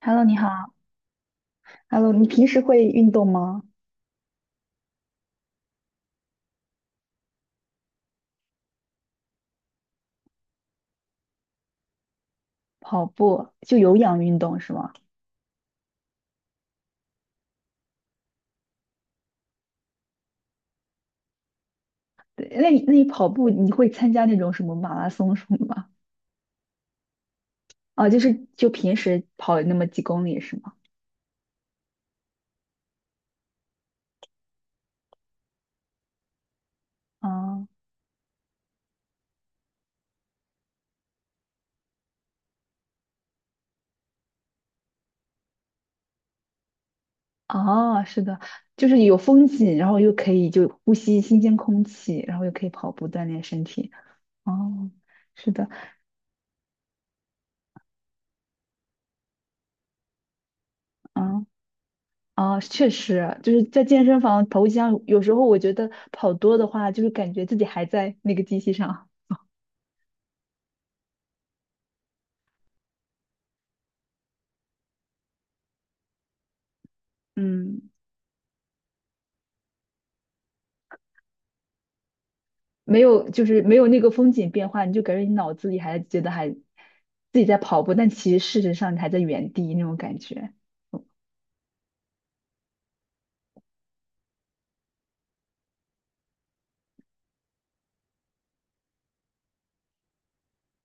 Hello，你好。Hello，你平时会运动吗？跑步就有氧运动是吗？对，那你跑步你会参加那种什么马拉松什么的吗？啊，就平时跑那么几公里是吗？啊啊，是的，就是有风景，然后又可以就呼吸新鲜空气，然后又可以跑步锻炼身体。哦，是的，嗯。啊，确实，就是在健身房跑步机上有时候我觉得跑多的话，就是感觉自己还在那个机器上。嗯。没有，就是没有那个风景变化，你就感觉你脑子里还觉得还自己在跑步，但其实事实上你还在原地那种感觉。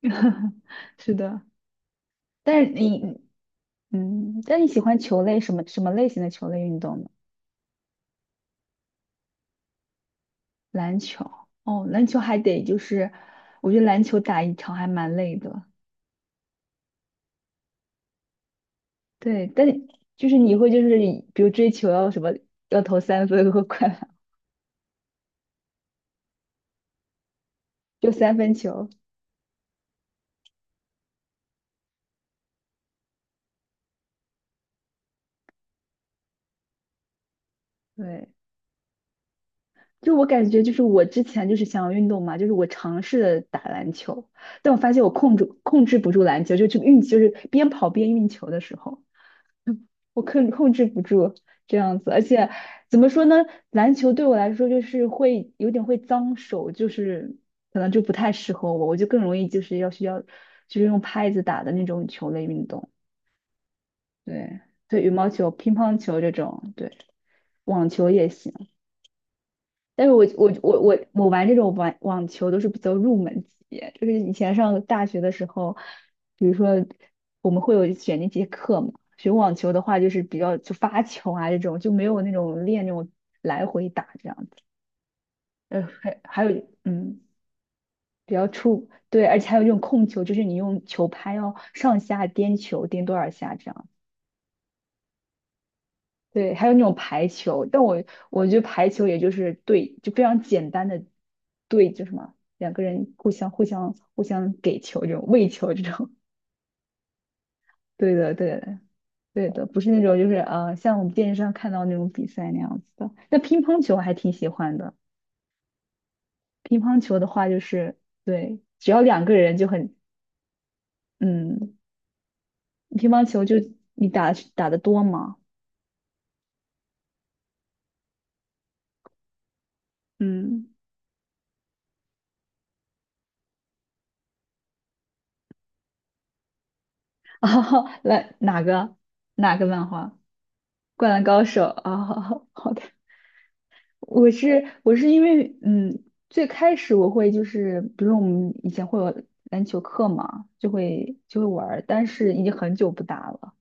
是的，但是你，嗯，但你喜欢球类什么什么类型的球类运动呢？篮球，哦，篮球还得就是，我觉得篮球打一场还蛮累的。对，但是就是你会就是比如追求要什么要投三分和快，就三分球。对。就我感觉，就是我之前就是想要运动嘛，就是我尝试了打篮球，但我发现我控制不住篮球，就是边跑边运球的时候，嗯我控制不住这样子，而且怎么说呢，篮球对我来说就是会有点会脏手，就是可能就不太适合我，我就更容易就是要需要就是用拍子打的那种球类运动，对，对，羽毛球、乒乓球这种，对，网球也行。但是我玩这种网球都是比较入门级，就是以前上大学的时候，比如说我们会有选那节课嘛，学网球的话就是比较就发球啊这种，就没有那种练那种来回打这样子。还有比较出，对，而且还有这种控球，就是你用球拍要上下颠球，颠多少下这样。对，还有那种排球，但我觉得排球也就是对，就非常简单的对，就什么两个人互相给球这种喂球这种，对的对的对的，不是那种就是呃像我们电视上看到那种比赛那样子的。那乒乓球我还挺喜欢的，乒乓球的话就是对，只要两个人就很嗯，乒乓球就你打得多吗？嗯，啊，来哪个漫画？灌篮高手啊，好好的，我是因为嗯，最开始我会就是，比如我们以前会有篮球课嘛，就会玩儿，但是已经很久不打了，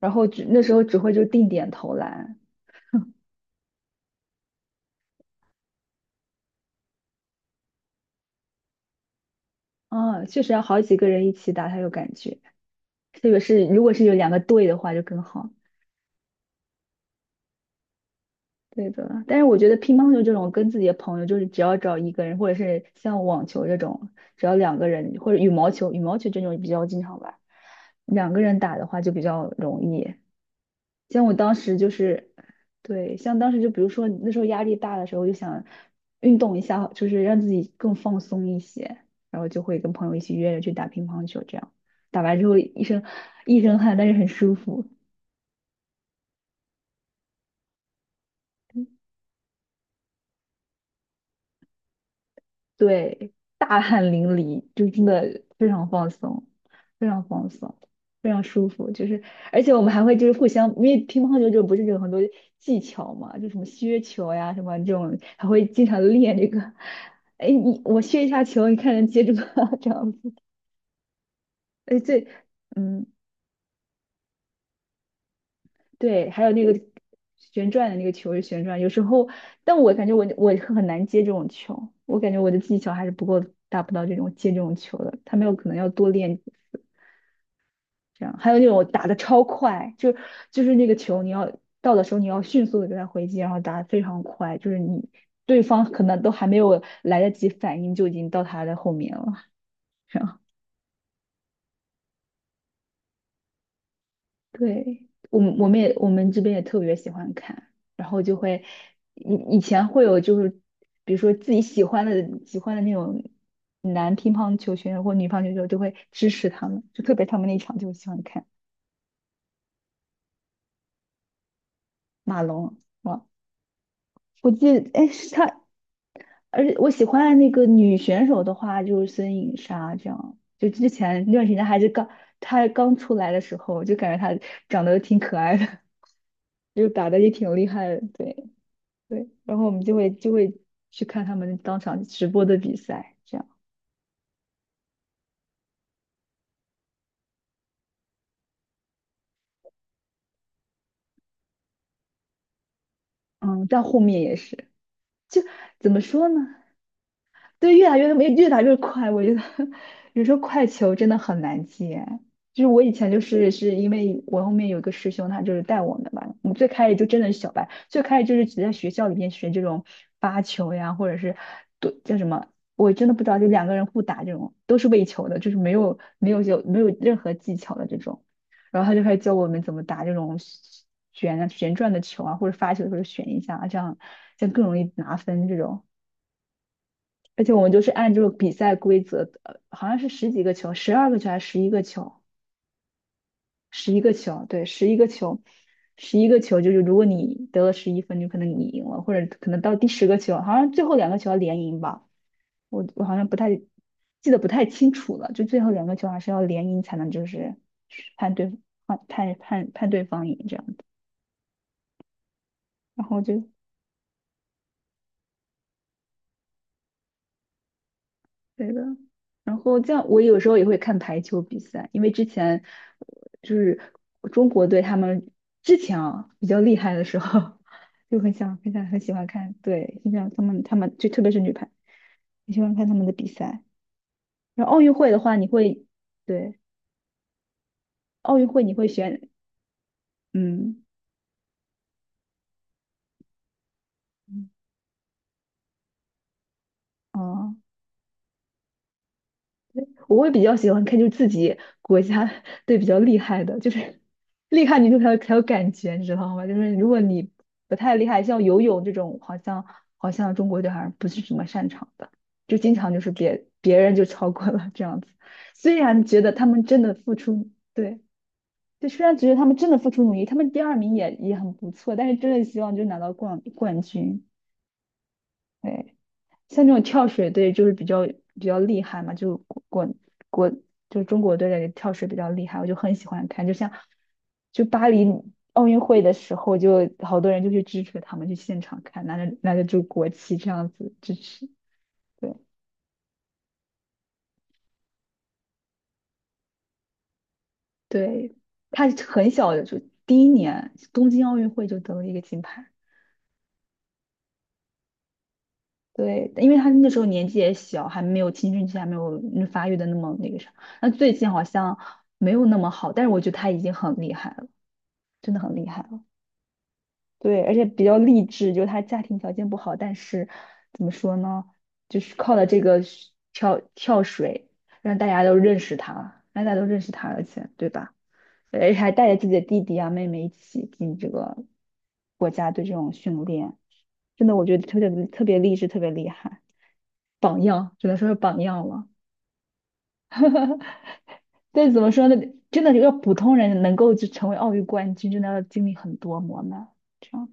然后只那时候只会就定点投篮，啊，确实要好几个人一起打才有感觉，特别是如果是有两个队的话就更好。对的，但是我觉得乒乓球这种跟自己的朋友，就是只要找一个人，或者是像网球这种，只要两个人，或者羽毛球，羽毛球这种比较经常玩，两个人打的话就比较容易。像我当时就是，对，像当时就比如说那时候压力大的时候，就想运动一下，就是让自己更放松一些，然后就会跟朋友一起约着去打乒乓球，这样打完之后一身汗，但是很舒服。对，大汗淋漓，就真的非常放松，非常放松，非常舒服。就是，而且我们还会就是互相，因为乒乓球这种不是有很多技巧嘛，就什么削球呀，什么这种，还会经常练这个。哎，你我削一下球，你看能接住吗？这样子。哎，对，嗯，对，还有那个旋转的那个球是旋转，有时候，但我感觉我很难接这种球，我感觉我的技巧还是不够达不到这种接这种球的，他们有可能要多练这样还有那种打的超快，就是那个球你要到的时候你要迅速的给他回击，然后打的非常快，就是你对方可能都还没有来得及反应就已经到他的后面了。这样，对，我们这边也特别喜欢看，然后就会以前会有就是比如说自己喜欢的那种男乒乓球选手或女乒乓球选手就会支持他们，就特别他们那一场就喜欢看马龙。哇，我记得，哎，是他，而且我喜欢的那个女选手的话，就是孙颖莎这样。就之前那段时间还是刚她刚出来的时候，就感觉她长得挺可爱的，就打的也挺厉害的。对对，然后我们就会去看他们当场直播的比赛，这样。嗯，到后面也是，就怎么说呢？对，越打越没越打越快，我觉得 有时候快球真的很难接。就是我以前就是因为我后面有一个师兄，他就是带我们吧，我们最开始就真的是小白，最开始就是只在学校里面学这种发球呀，或者是对叫什么，我真的不知道，就两个人互打这种都是喂球的，就是没有没有就没有任何技巧的这种。然后他就开始教我们怎么打这种旋啊旋转的球啊，或者发球的时候旋一下啊，这样更容易拿分这种。而且我们就是按这个比赛规则，好像是十几个球，12个球还是十一个球？十一个球，对，十一个球，十一个球就是如果你得了11分，就可能你赢了，或者可能到第10个球，好像最后两个球要连赢吧，我好像不太记得不太清楚了，就最后两个球还是要连赢才能就是判对判对方赢这样子，然后就对的，然后这样我有时候也会看排球比赛，因为之前就是中国队他们之前啊比较厉害的时候，就很想很想很喜欢看，对，很想他们就特别是女排，很喜欢看他们的比赛。然后奥运会的话，对奥运会你会选嗯嗯哦。我会比较喜欢看，就自己国家队比较厉害的，就是厉害你就才有感觉，你知道吗？就是如果你不太厉害，像游泳这种，好像中国队好像不是什么擅长的，就经常就是别人就超过了这样子。虽然觉得他们真的付出，对，就虽然觉得他们真的付出努力，他们第二名也很不错，但是真的希望就拿到冠军，对。像这种跳水队就是比较厉害嘛，国就是中国队的跳水比较厉害，我就很喜欢看。就像就巴黎奥运会的时候，就好多人就去支持他们，去现场看，拿着就国旗这样子支持。对对，他很小的就第一年东京奥运会就得了一个金牌。对，因为他那时候年纪也小，还没有青春期，还没有发育的那么那个啥。那最近好像没有那么好，但是我觉得他已经很厉害了。真的很厉害了。对，而且比较励志，就是他家庭条件不好，但是怎么说呢，就是靠了这个是跳水，让大家都认识他，让大家都认识他，而且对吧？而且还带着自己的弟弟啊、妹妹一起进这个国家队这种训练，真的我觉得特别特别励志，特别厉害，榜样，只能说是榜样了。但怎么说呢，真的一个普通人能够就成为奥运冠军，真的要经历很多磨难。这样。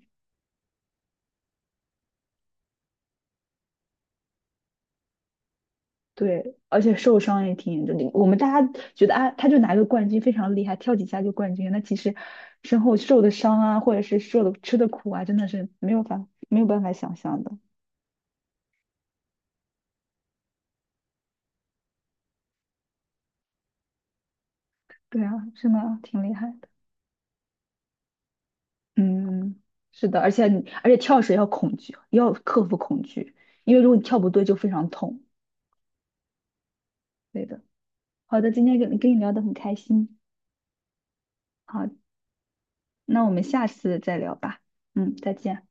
对，而且受伤也挺严重的。我们大家觉得啊，他就拿个冠军非常厉害，跳几下就冠军。那其实身后受的伤啊，或者是受的吃的苦啊，真的是没有办法想象的。对啊，真的挺厉害的。嗯，是的，而且跳水要恐惧，要克服恐惧，因为如果你跳不对就非常痛。对的。好的，今天跟你聊得很开心。好，那我们下次再聊吧。嗯，再见。